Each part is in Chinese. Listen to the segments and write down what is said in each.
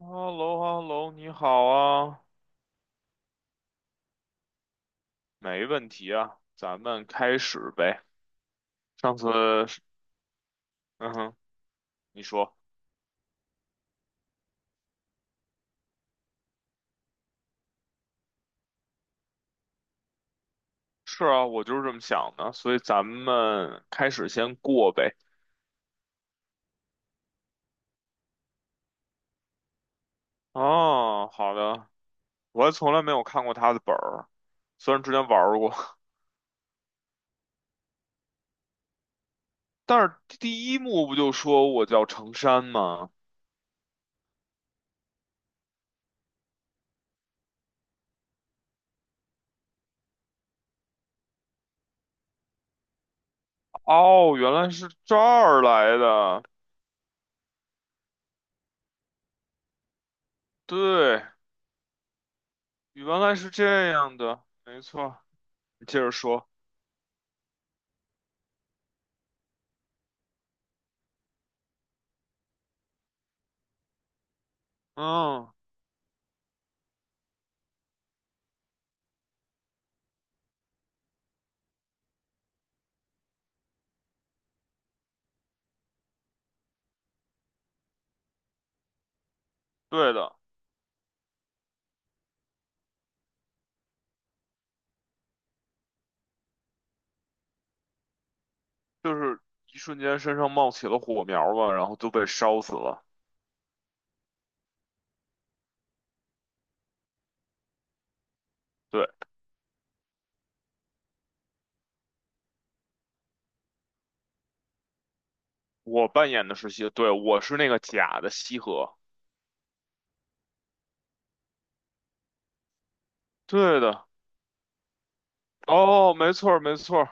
h e l l o h e l l o 你好啊。没问题啊，咱们开始呗。上次是。嗯哼，你说。是啊，我就是这么想的，所以咱们开始先过呗。哦，好的，我还从来没有看过他的本儿，虽然之前玩儿过，但是第一幕不就说我叫程山吗？哦，原来是这儿来的。对，原来是这样的，没错。你接着说。嗯，对的。就是一瞬间身上冒起了火苗吧，然后都被烧死了。对，我扮演的是西，对，我是那个假的西河。对的。哦，没错儿，没错儿。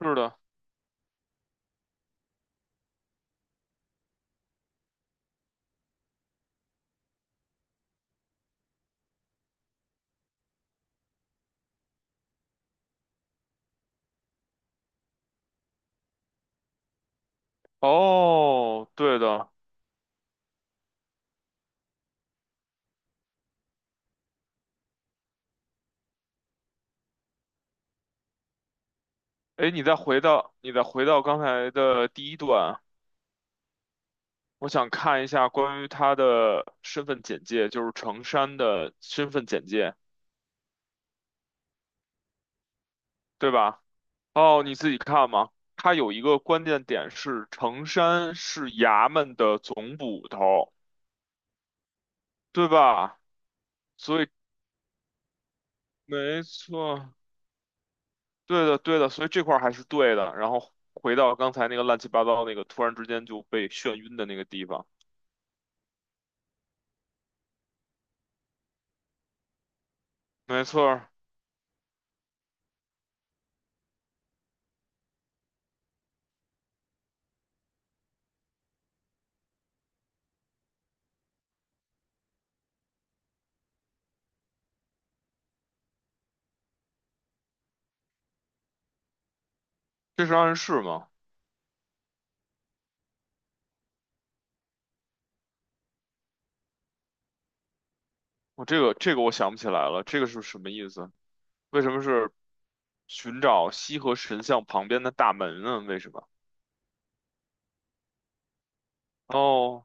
是的。哦，对的。哎，你再回到刚才的第一段，我想看一下关于他的身份简介，就是程山的身份简介，对吧？哦，你自己看嘛。他有一个关键点是，程山是衙门的总捕头。对吧？所以没错，对的，对的，所以这块儿还是对的。然后回到刚才那个乱七八糟那个突然之间就被眩晕的那个地方。没错儿。这是暗示吗？我我想不起来了，这个是什么意思？为什么是寻找西河神像旁边的大门呢？为什么？哦，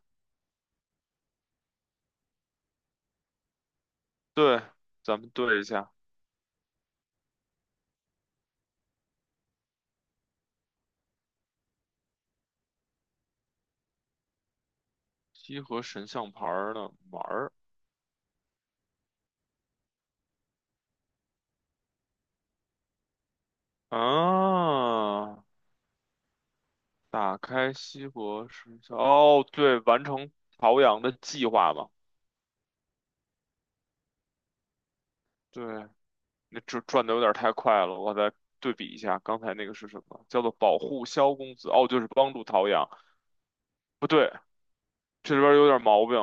对，咱们对一下西河神像牌儿的玩儿啊，打开西国时效。哦，对，完成陶阳的计划嘛。对，那这转的有点太快了，我再对比一下，刚才那个是什么？叫做保护萧公子。哦，就是帮助陶阳。不对，这里边有点毛病。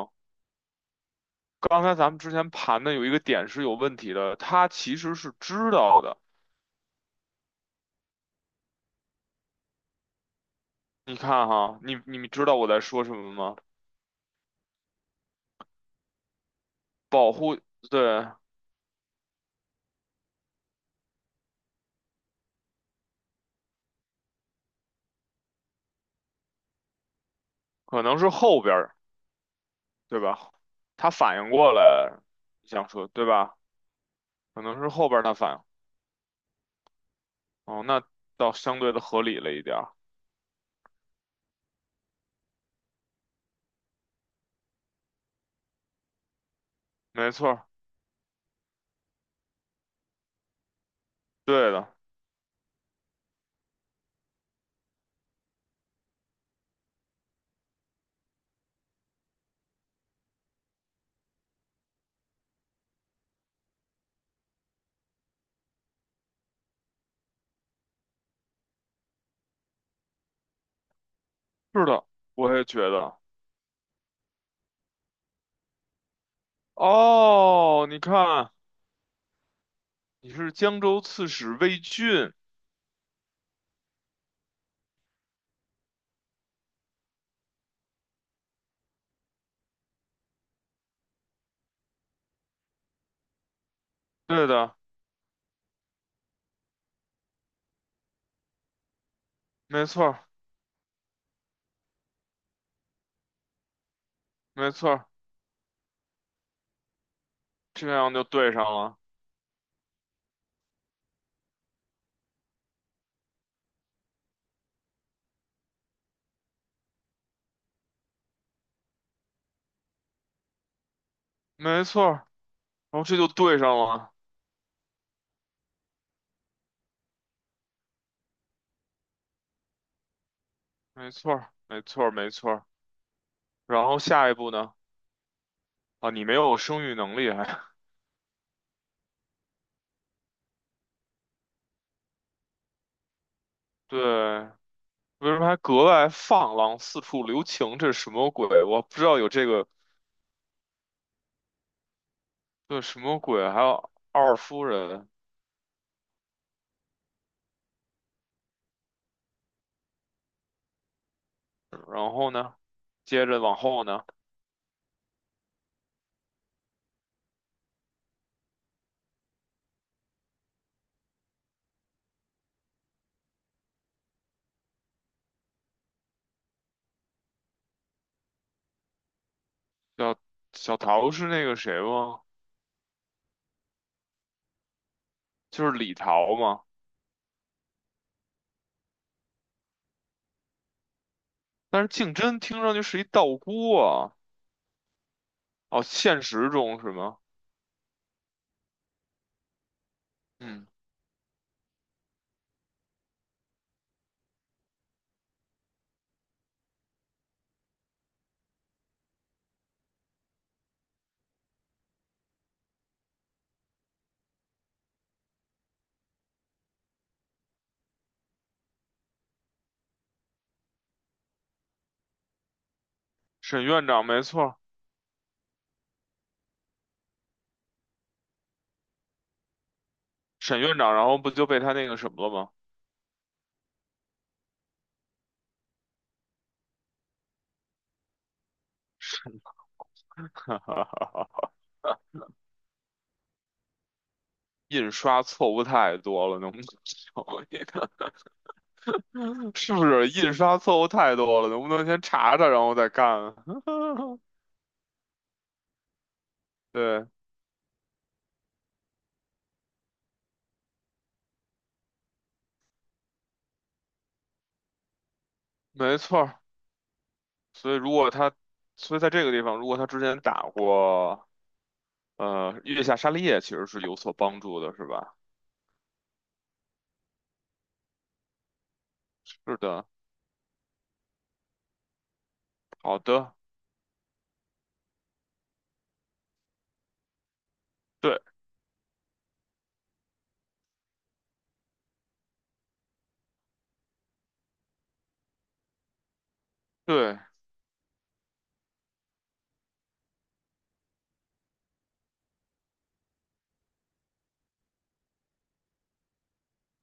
刚才咱们之前盘的有一个点是有问题的，他其实是知道的。你看哈，你们知道我在说什么吗？保护。对，可能是后边儿，对吧？他反应过来。你想说，对吧？可能是后边儿他反应。哦，那倒相对的合理了一点儿。没错儿。对的。是的，我也觉得。哦，你看，你是江州刺史魏俊。对的，没错儿，没错儿，这样就对上了。没错儿，然后这就对上了。没错儿，没错儿，没错儿，然后下一步呢？啊，你没有生育能力还。对，为什么还格外放浪，四处留情？这是什么鬼？我不知道有这个。对，什么鬼？还有二夫人。然后呢，接着往后呢？叫小桃是那个谁吗？就是李桃吗？但是竞争听上去是一道姑啊。哦，现实中是吗？嗯，沈院长没错儿。沈院长，然后不就被他那个什么了吗？哈哈哈哈。印刷错误太多了，能不能少一点？是不是印刷错误太多了？能不能先查查，然后再干啊？对，没错儿，所以如果他，所以在这个地方，如果他之前打过。月下沙利叶其实是有所帮助的，是吧？是的。好的，对，对，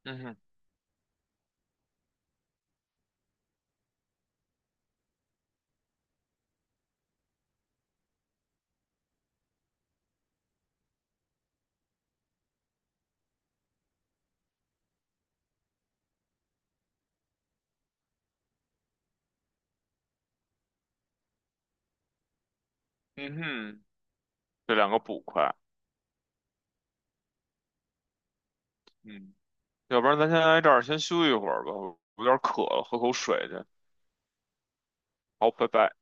嗯哼，嗯哼，这两个捕快。嗯，要不然咱先来这儿先休息一会儿吧，我有点渴了，喝口水去。好，拜拜。